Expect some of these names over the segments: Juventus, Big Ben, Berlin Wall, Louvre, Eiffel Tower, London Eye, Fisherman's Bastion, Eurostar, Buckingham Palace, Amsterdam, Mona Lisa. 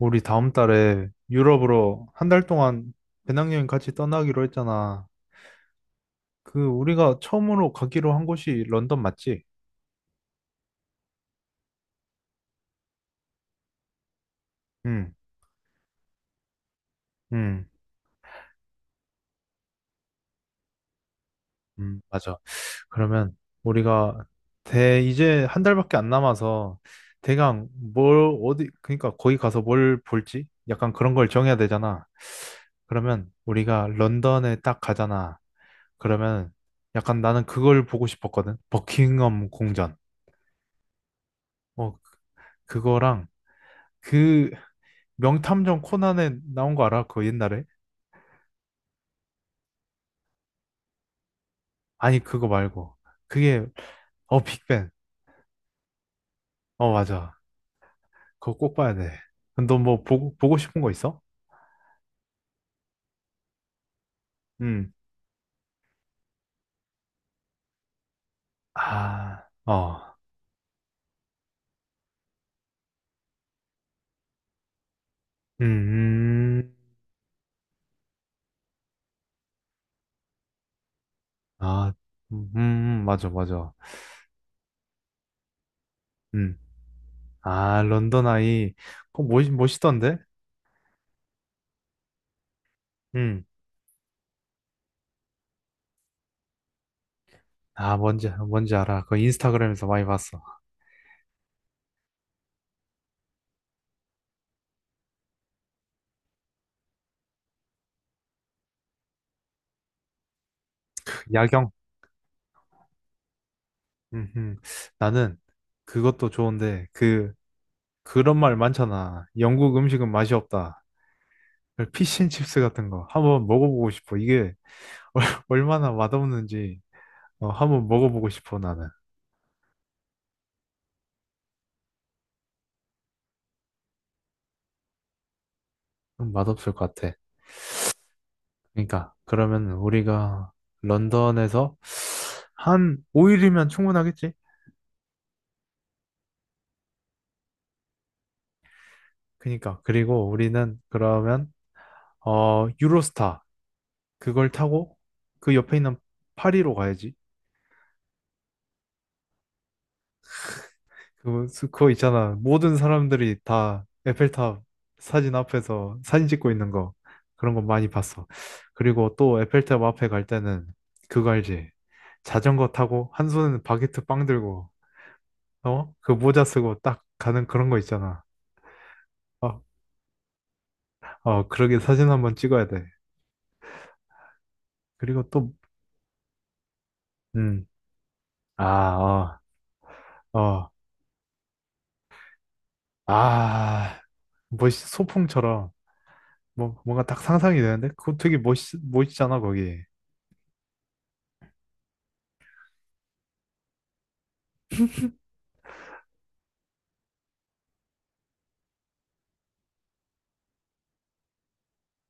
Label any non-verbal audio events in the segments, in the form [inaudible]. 우리 다음 달에 유럽으로 한 달 동안 배낭여행 같이 떠나기로 했잖아. 그 우리가 처음으로 가기로 한 곳이 런던 맞지? 응, 응, 응, 맞아. 그러면 우리가 대 이제 한 달밖에 안 남아서 대강 뭘 어디 그러니까 거기 가서 뭘 볼지 약간 그런 걸 정해야 되잖아. 그러면 우리가 런던에 딱 가잖아. 그러면 약간 나는 그걸 보고 싶었거든. 버킹엄 궁전. 어, 그거랑 그 명탐정 코난에 나온 거 알아? 그거 옛날에? 아니, 그거 말고. 그게, 어, 빅뱅. 어, 맞아. 그거 꼭 봐야 돼. 너 뭐 보고 싶은 거 있어? 음. 아, 어. 음, 음. 아, 맞아, 맞아. 음. 아, 런던 아이. 그거 멋있던데? 음. 아, 뭔지 알아. 그거 인스타그램에서 많이 봤어. 야경. 음, 음. 나는 그것도 좋은데, 그, 그런 말 많잖아. 영국 음식은 맛이 없다. 피쉬앤칩스 같은 거 한번 먹어보고 싶어. 이게 얼마나 맛없는지 어, 한번 먹어보고 싶어 나는. 맛없을 것 같아. 그러니까 그러면 우리가 런던에서 한 5일이면 충분하겠지? 그러니까 그리고 우리는 그러면 어 유로스타 그걸 타고 그 옆에 있는 파리로 가야지. 그, 그거 있잖아. 모든 사람들이 다 에펠탑 사진 앞에서 사진 찍고 있는 거. 그런 거 많이 봤어. 그리고 또 에펠탑 앞에 갈 때는 그거 알지? 자전거 타고 한 손에는 바게트 빵 들고, 어? 그 모자 쓰고 딱 가는 그런 거 있잖아. 어, 어, 그러게 사진 한번 찍어야 돼. 그리고 또, 음, 아, 어, 어, 아, 멋있, 소풍처럼, 뭐, 뭔가 딱 상상이 되는데? 그거 되게 멋있잖아, 거기.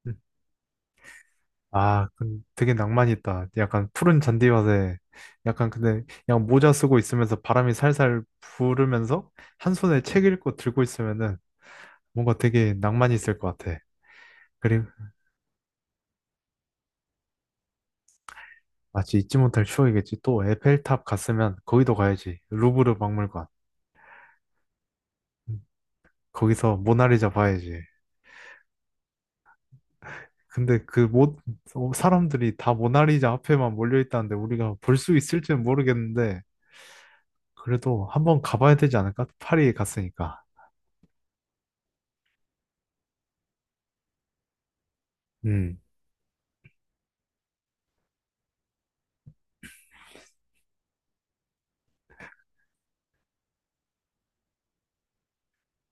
음. 아, 근 되게 낭만 있다. 약간 푸른 잔디밭에 약간 근데 그냥 모자 쓰고 있으면서 바람이 살살 부르면서 한 손에 책 읽고 들고 있으면은 뭔가 되게 낭만이 있을 것 같아. 그리고 마치 잊지 못할 추억이겠지. 또 에펠탑 갔으면 거기도 가야지. 루브르 박물관. 음, 거기서 모나리자 봐야지. 근데 그 모, 어, 사람들이 다 모나리자 앞에만 몰려 있다는데 우리가 볼 수 있을지는 모르겠는데 그래도 한번 가봐야 되지 않을까? 파리에 갔으니까. 음.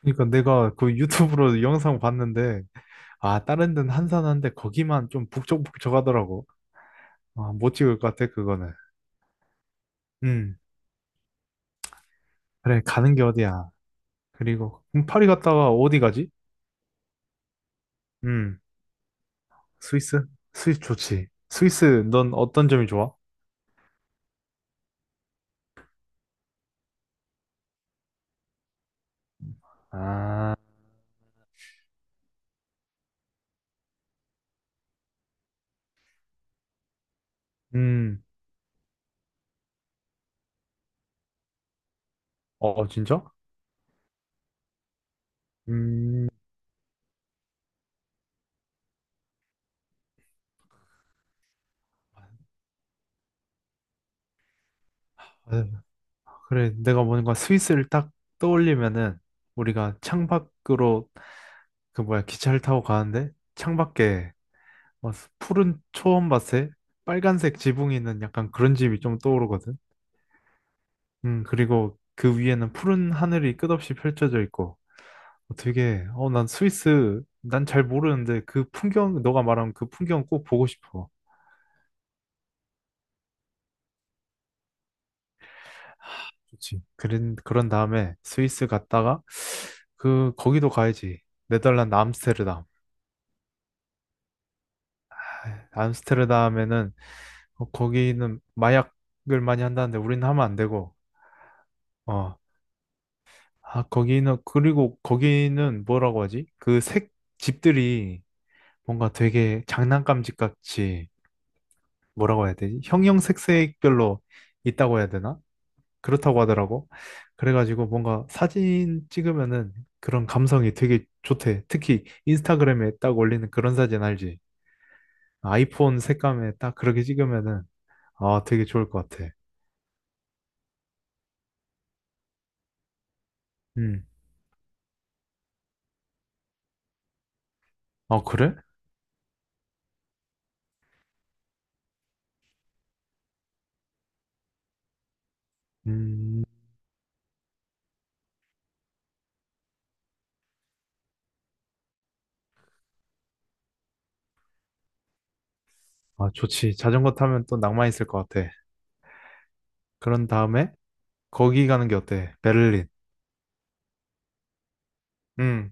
그러니까 내가 그 유튜브로 영상 봤는데 아 다른 데는 한산한데 거기만 좀 북적북적하더라고. 아, 못 찍을 것 같아 그거는. 음 그래 가는 게 어디야. 그리고 그럼 파리 갔다가 어디 가지? 음 스위스? 스위스 좋지. 스위스 넌 어떤 점이 좋아? 아, 음, 어 진짜? 음, 아유, 그래 내가 뭔가 스위스를 딱 떠올리면은 우리가 창밖으로 그 뭐야 기차를 타고 가는데 창밖에 와, 푸른 초원 밭에 빨간색 지붕이 있는 약간 그런 집이 좀 떠오르거든. 그리고 그 위에는 푸른 하늘이 끝없이 펼쳐져 있고 어, 되게 어, 난 스위스 난 잘 모르는데 그 풍경 너가 말한 그 풍경 꼭 보고 싶어. 좋지. 그런 그런 다음에 스위스 갔다가 그 거기도 가야지. 네덜란드 암스테르담. 아, 암스테르담에는 어, 거기는 마약을 많이 한다는데 우리는 하면 안 되고 어 아, 거기는, 그리고 거기는 뭐라고 하지? 그 색, 집들이 뭔가 되게 장난감 집 같이, 뭐라고 해야 되지? 형형색색별로 있다고 해야 되나? 그렇다고 하더라고. 그래가지고 뭔가 사진 찍으면은 그런 감성이 되게 좋대. 특히 인스타그램에 딱 올리는 그런 사진 알지? 아이폰 색감에 딱 그렇게 찍으면은, 아, 되게 좋을 것 같아. 음. 아, 그래? 음, 아, 좋지. 자전거 타면 또 낭만 있을 것 같아. 그런 다음에, 거기 가는 게 어때? 베를린. 응,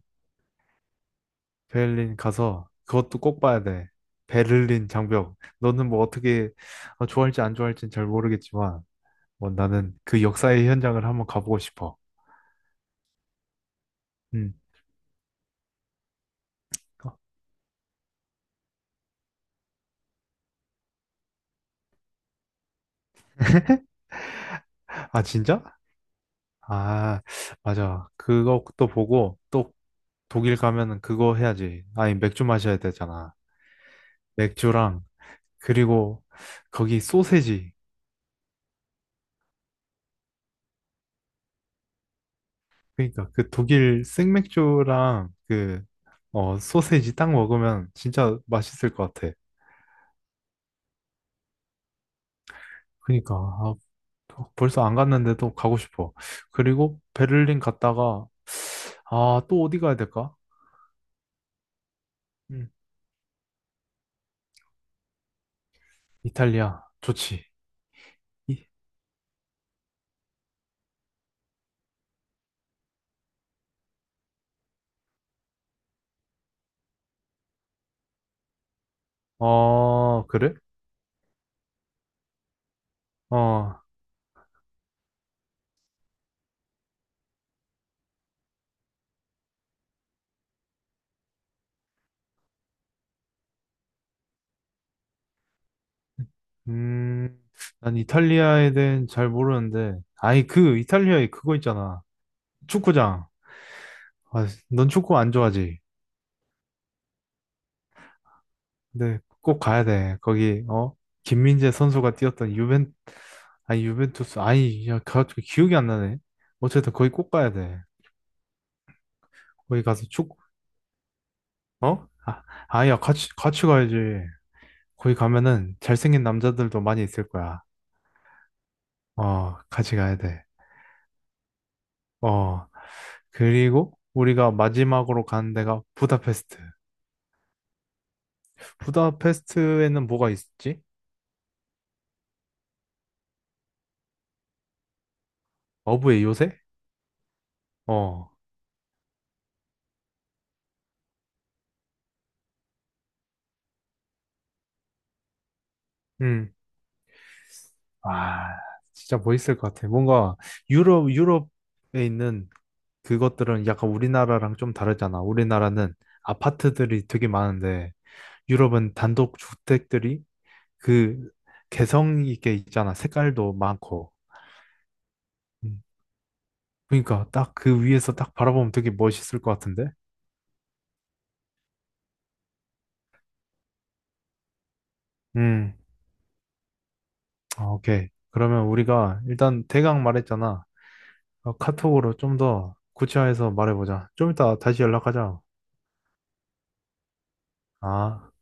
베를린 가서 그것도 꼭 봐야 돼. 베를린 장벽. 너는 뭐 어떻게 어, 좋아할지 안 좋아할지는 잘 모르겠지만, 뭐 나는 그 역사의 현장을 한번 가보고 싶어. 응. [laughs] 아, 진짜? 아, 맞아. 그것도 보고 또 독일 가면은 그거 해야지. 아니, 맥주 마셔야 되잖아. 맥주랑 그리고 거기 소세지. 그러니까 그 독일 생맥주랑 그 어, 소세지 딱 먹으면 진짜 맛있을 것 같아. 그러니까 아, 벌써 안 갔는데도 가고 싶어. 그리고 베를린 갔다가 아, 또 어디 가야 될까? 음, 이탈리아 좋지. 이- 어, 그래? 어, 음, 난 이탈리아에 대해 잘 모르는데. 아니 그 이탈리아에 그거 있잖아. 축구장. 아, 넌 축구 안 좋아하지? 근데 꼭 가야 돼. 거기 어 김민재 선수가 뛰었던 유벤투스 아니 야 갑자기 기억이 안 나네. 어쨌든 거기 꼭 가야 돼. 거기 가서 축구 어? 아, 아야 같이 가야지. 거기 가면은 잘생긴 남자들도 많이 있을 거야. 어 같이 가야 돼. 어 그리고 우리가 마지막으로 가는 데가 부다페스트. 부다페스트에는 뭐가 있지? 어부의 요새? 어. 음. 와, 진짜 멋있을 것 같아. 뭔가 유럽에 있는 그것들은 약간 우리나라랑 좀 다르잖아. 우리나라는 아파트들이 되게 많은데 유럽은 단독 주택들이 그 개성 있게 있잖아. 색깔도 많고. 음, 그러니까 딱 그 위에서 딱 바라보면 되게 멋있을 것 같은데. 음, 아, 오케이. 그러면 우리가 일단 대강 말했잖아. 어, 카톡으로 좀 더 구체화해서 말해보자. 좀 이따 다시 연락하자. 아.